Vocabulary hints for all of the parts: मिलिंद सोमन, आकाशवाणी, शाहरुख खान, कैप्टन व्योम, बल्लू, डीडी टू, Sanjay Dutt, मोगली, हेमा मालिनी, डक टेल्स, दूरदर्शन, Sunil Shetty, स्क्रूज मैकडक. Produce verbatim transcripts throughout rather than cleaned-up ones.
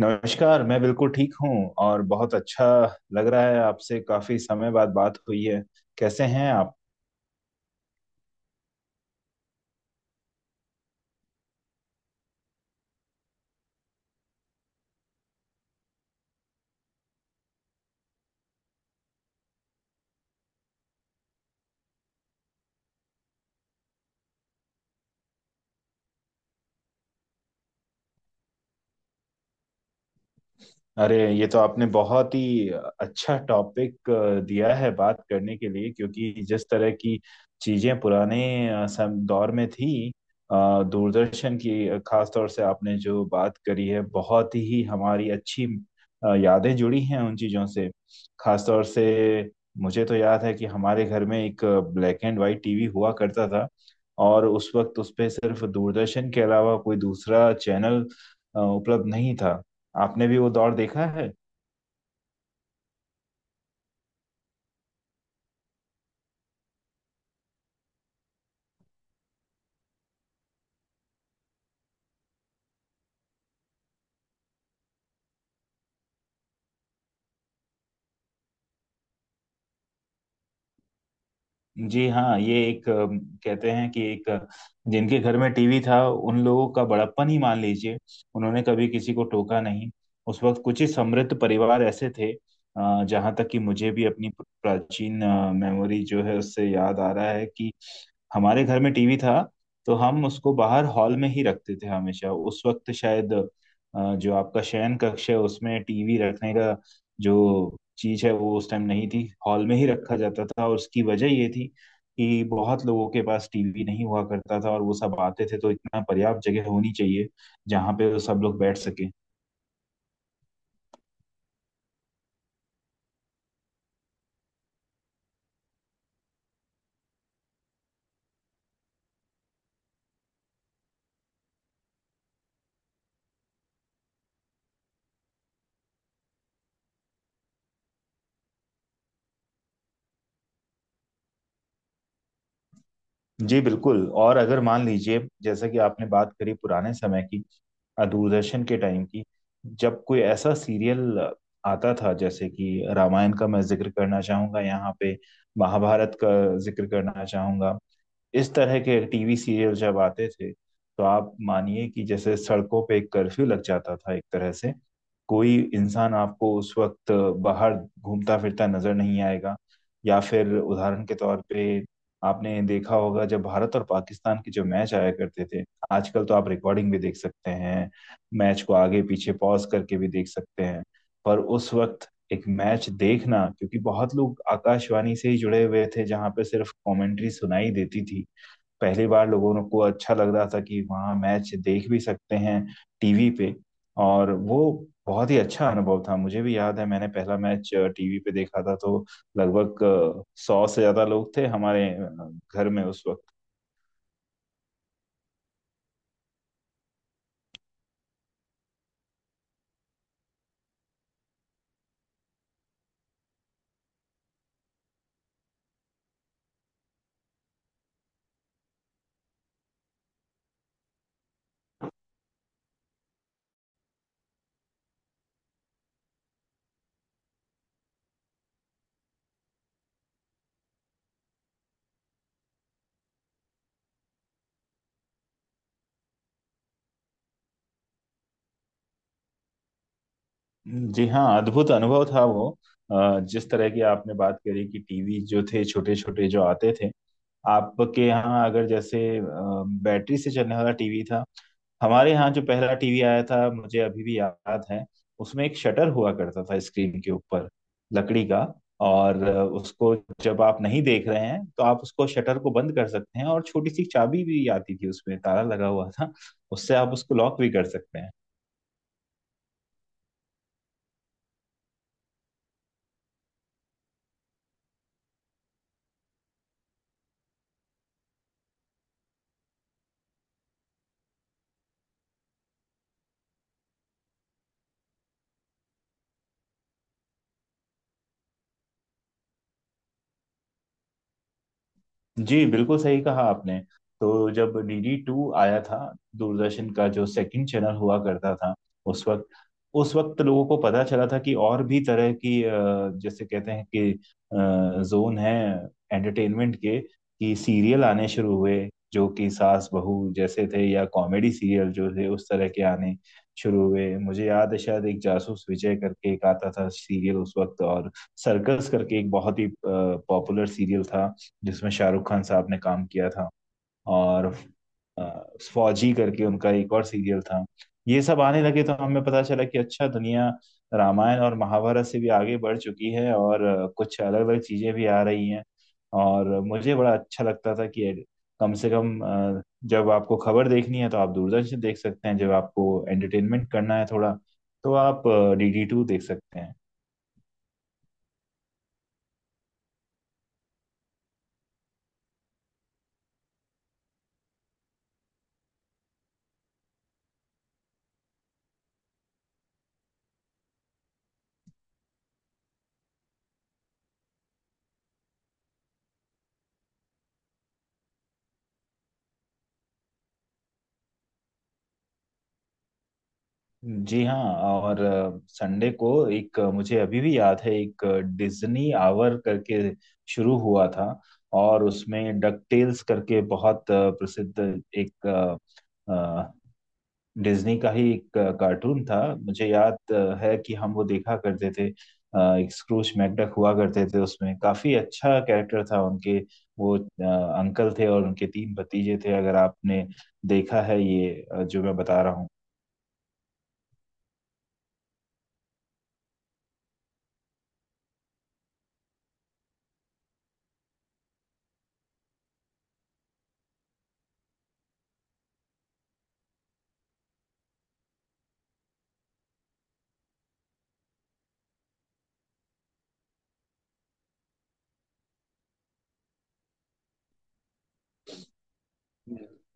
नमस्कार, मैं बिल्कुल ठीक हूँ और बहुत अच्छा लग रहा है। आपसे काफी समय बाद बात हुई है। कैसे हैं आप? अरे, ये तो आपने बहुत ही अच्छा टॉपिक दिया है बात करने के लिए, क्योंकि जिस तरह की चीजें पुराने अ, सम दौर में थी, अ, दूरदर्शन की, अ, खास तौर से आपने जो बात करी है, बहुत ही हमारी अच्छी अ, यादें जुड़ी हैं उन चीजों से। खास तौर से मुझे तो याद है कि हमारे घर में एक ब्लैक एंड वाइट टीवी हुआ करता था, और उस वक्त उस पे सिर्फ दूरदर्शन के अलावा कोई दूसरा चैनल अ, उपलब्ध नहीं था। आपने भी वो दौर देखा है। जी हाँ, ये एक अम, कहते हैं कि एक अ, जिनके घर में टीवी था उन लोगों का बड़प्पन ही मान लीजिए। उन्होंने कभी किसी को टोका नहीं। उस वक्त कुछ ही समृद्ध परिवार ऐसे थे, अ, जहाँ तक कि मुझे भी अपनी प्राचीन अ, मेमोरी जो है उससे याद आ रहा है कि हमारे घर में टीवी था, तो हम उसको बाहर हॉल में ही रखते थे हमेशा। उस वक्त शायद अ, जो आपका शयन कक्ष है उसमें टीवी रखने का जो चीज है वो उस टाइम नहीं थी। हॉल में ही रखा जाता था, और उसकी वजह ये थी कि बहुत लोगों के पास टीवी नहीं हुआ करता था और वो सब आते थे, तो इतना पर्याप्त जगह होनी चाहिए जहाँ पे वो सब लोग बैठ सके। जी बिल्कुल। और अगर मान लीजिए, जैसा कि आपने बात करी पुराने समय की, अ, दूरदर्शन के टाइम की, जब कोई ऐसा सीरियल आता था, जैसे कि रामायण का मैं जिक्र करना चाहूंगा यहाँ पे, महाभारत का जिक्र करना चाहूंगा, इस तरह के टीवी सीरियल जब आते थे तो आप मानिए कि जैसे सड़कों पे एक कर्फ्यू लग जाता था, एक तरह से कोई इंसान आपको उस वक्त बाहर घूमता फिरता नजर नहीं आएगा। या फिर उदाहरण के तौर पे आपने देखा होगा जब भारत और पाकिस्तान के जो मैच आया करते थे। आजकल तो आप रिकॉर्डिंग भी देख सकते हैं, मैच को आगे पीछे पॉज करके भी देख सकते हैं। पर उस वक्त एक मैच देखना, क्योंकि बहुत लोग आकाशवाणी से ही जुड़े हुए थे जहां पे सिर्फ कमेंट्री सुनाई देती थी, पहली बार लोगों को अच्छा लग रहा था कि वहाँ मैच देख भी सकते हैं टीवी पे। और वो बहुत ही अच्छा अनुभव था। मुझे भी याद है मैंने पहला मैच टीवी पे देखा था, तो लगभग सौ से ज्यादा लोग थे हमारे अ, घर में उस वक्त। जी हाँ, अद्भुत अनुभव था वो। अ, जिस तरह की आपने बात करी कि टीवी जो थे छोटे छोटे जो आते थे, आपके यहाँ अगर जैसे अ, बैटरी से चलने वाला टीवी था, हमारे यहाँ जो पहला टीवी आया था मुझे अभी भी याद है, उसमें एक शटर हुआ करता था स्क्रीन के ऊपर, लकड़ी का। और उसको जब आप नहीं देख रहे हैं तो आप उसको शटर को बंद कर सकते हैं, और छोटी सी चाबी भी आती थी, उसमें ताला लगा हुआ था, उससे आप उसको लॉक भी कर सकते हैं। जी बिल्कुल सही कहा आपने। तो जब डी डी टू आया था, दूरदर्शन का जो सेकंड चैनल हुआ करता था, उस वक्त उस वक्त लोगों को पता चला था कि और भी तरह की, अ, जैसे कहते हैं कि अ, जोन है एंटरटेनमेंट के, कि सीरियल आने शुरू हुए जो कि सास बहू जैसे थे, या कॉमेडी सीरियल जो थे उस तरह के आने शुरू हुए। मुझे याद है शायद एक जासूस विजय करके एक आता था सीरियल उस वक्त, और सर्कस करके एक बहुत ही पॉपुलर सीरियल था जिसमें शाहरुख खान साहब ने काम किया था। और अ, फौजी करके उनका एक और सीरियल था। ये सब आने लगे तो हमें पता चला कि अच्छा, दुनिया रामायण और महाभारत से भी आगे बढ़ चुकी है, और अ, कुछ अलग अलग चीजें भी आ रही हैं। और मुझे बड़ा अच्छा लगता था कि कम से कम अ, जब आपको खबर देखनी है तो आप दूरदर्शन देख सकते हैं, जब आपको एंटरटेनमेंट करना है थोड़ा तो आप डी डी टू देख सकते हैं। जी हाँ। और संडे को एक अ, मुझे अभी भी याद है, एक अ, डिज्नी आवर करके शुरू हुआ था, और उसमें डक टेल्स करके बहुत अ, प्रसिद्ध एक, अ, अ, डिज्नी का ही एक अ, कार्टून था। मुझे याद अ, है कि हम वो देखा करते थे। अ, एक स्क्रूज मैकडक हुआ करते थे उसमें, काफी अच्छा कैरेक्टर था उनके। वो अ, अंकल थे और उनके तीन भतीजे थे। अगर आपने देखा है ये अ, जो मैं बता रहा हूँ।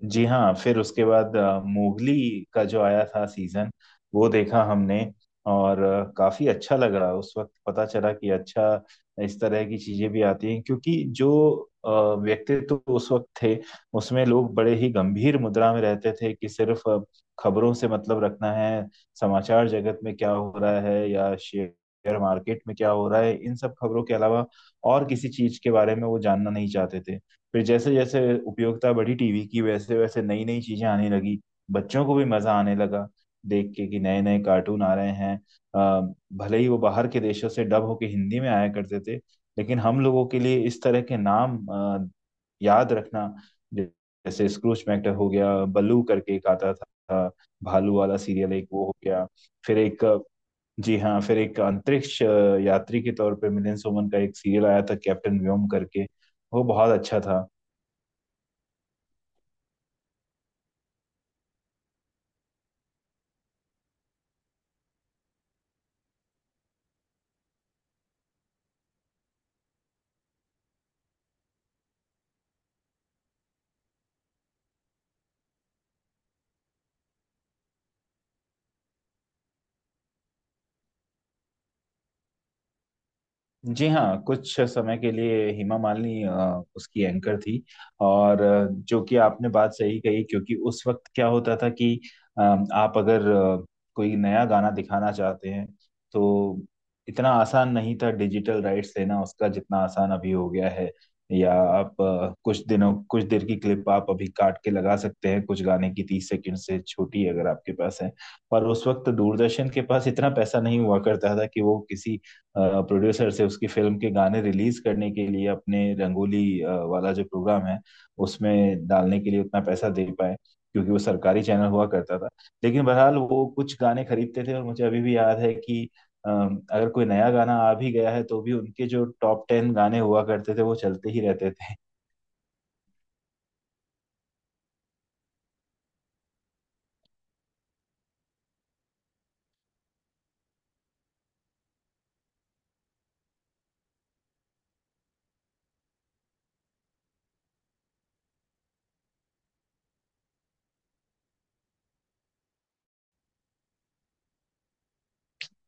जी हाँ, फिर उसके बाद अ, मोगली का जो आया था सीजन, वो देखा हमने, और अ, काफी अच्छा लगा। उस वक्त पता चला कि अच्छा, इस तरह की चीजें भी आती हैं, क्योंकि जो अ, व्यक्तित्व उस वक्त थे उसमें लोग बड़े ही गंभीर मुद्रा में रहते थे, कि सिर्फ अ, खबरों से मतलब रखना है। समाचार जगत में क्या हो रहा है, या शेयर मार्केट में क्या हो रहा है, इन सब खबरों के अलावा और किसी चीज के बारे में वो जानना नहीं चाहते थे। फिर जैसे जैसे उपयोगिता बढ़ी टीवी की, वैसे वैसे नई नई चीजें आने लगी, बच्चों को भी मजा आने लगा देख के कि नए नए कार्टून आ रहे हैं। अ, भले ही वो बाहर के देशों से डब होके हिंदी में आया करते थे, लेकिन हम लोगों के लिए इस तरह के नाम अ, याद रखना, जैसे स्क्रूज मैक्टर हो गया, बल्लू करके एक आता था भालू वाला सीरियल, एक वो हो गया। फिर एक, अ, जी हाँ, फिर एक अंतरिक्ष अ, यात्री के तौर पे मिलिंद सोमन का एक सीरियल आया था कैप्टन व्योम करके, वो बहुत अच्छा था। जी हाँ, कुछ समय के लिए हेमा मालिनी अ, उसकी एंकर थी। और अ, जो कि आपने बात सही कही, क्योंकि उस वक्त क्या होता था कि अ, आप अगर अ, कोई नया गाना दिखाना चाहते हैं, तो इतना आसान नहीं था डिजिटल राइट्स लेना उसका, जितना आसान अभी हो गया है। या आप अ, कुछ दिनों कुछ देर की क्लिप आप अभी काट के लगा सकते हैं, कुछ गाने की तीस सेकंड से छोटी अगर आपके पास है। पर उस वक्त दूरदर्शन के पास इतना पैसा नहीं हुआ करता था कि वो किसी प्रोड्यूसर से उसकी फिल्म के गाने रिलीज करने के लिए, अपने रंगोली अ, वाला जो प्रोग्राम है उसमें डालने के लिए उतना पैसा दे पाए, क्योंकि वो सरकारी चैनल हुआ करता था। लेकिन बहरहाल वो कुछ गाने खरीदते थे, और मुझे अभी भी याद है कि अ, अगर कोई नया गाना आ भी गया है तो भी उनके जो टॉप टेन गाने हुआ करते थे वो चलते ही रहते थे।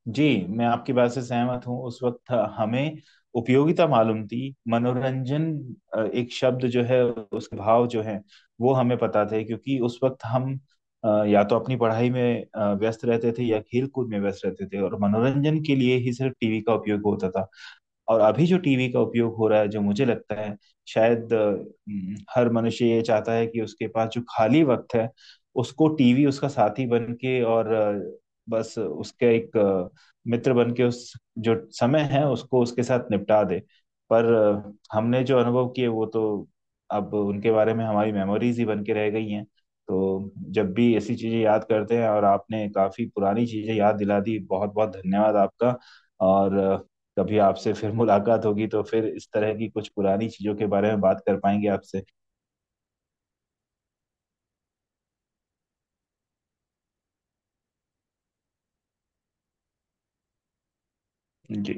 जी, मैं आपकी बात से सहमत हूँ। उस वक्त हमें उपयोगिता मालूम थी। मनोरंजन अ, एक शब्द जो है उसके भाव जो है वो हमें पता थे, क्योंकि उस वक्त हम अ, या तो अपनी पढ़ाई में अ, व्यस्त रहते थे, या खेल कूद में व्यस्त रहते थे, और मनोरंजन के लिए ही सिर्फ टीवी का उपयोग होता था। और अभी जो टीवी का उपयोग हो रहा है, जो मुझे लगता है शायद अ, हम्म, हर मनुष्य ये चाहता है कि उसके पास जो खाली वक्त है उसको टीवी उसका साथी बन के, और अ, बस उसके एक अ, मित्र बन के उस जो समय है उसको उसके साथ निपटा दे। पर अ, हमने जो अनुभव किए वो तो अब उनके बारे में हमारी मेमोरीज ही बन के रह गई हैं। तो जब भी ऐसी चीजें याद करते हैं, और आपने काफी पुरानी चीजें याद दिला दी, बहुत बहुत धन्यवाद आपका। और कभी आपसे फिर मुलाकात होगी तो फिर इस तरह की कुछ पुरानी चीजों के बारे में बात कर पाएंगे आपसे। जी।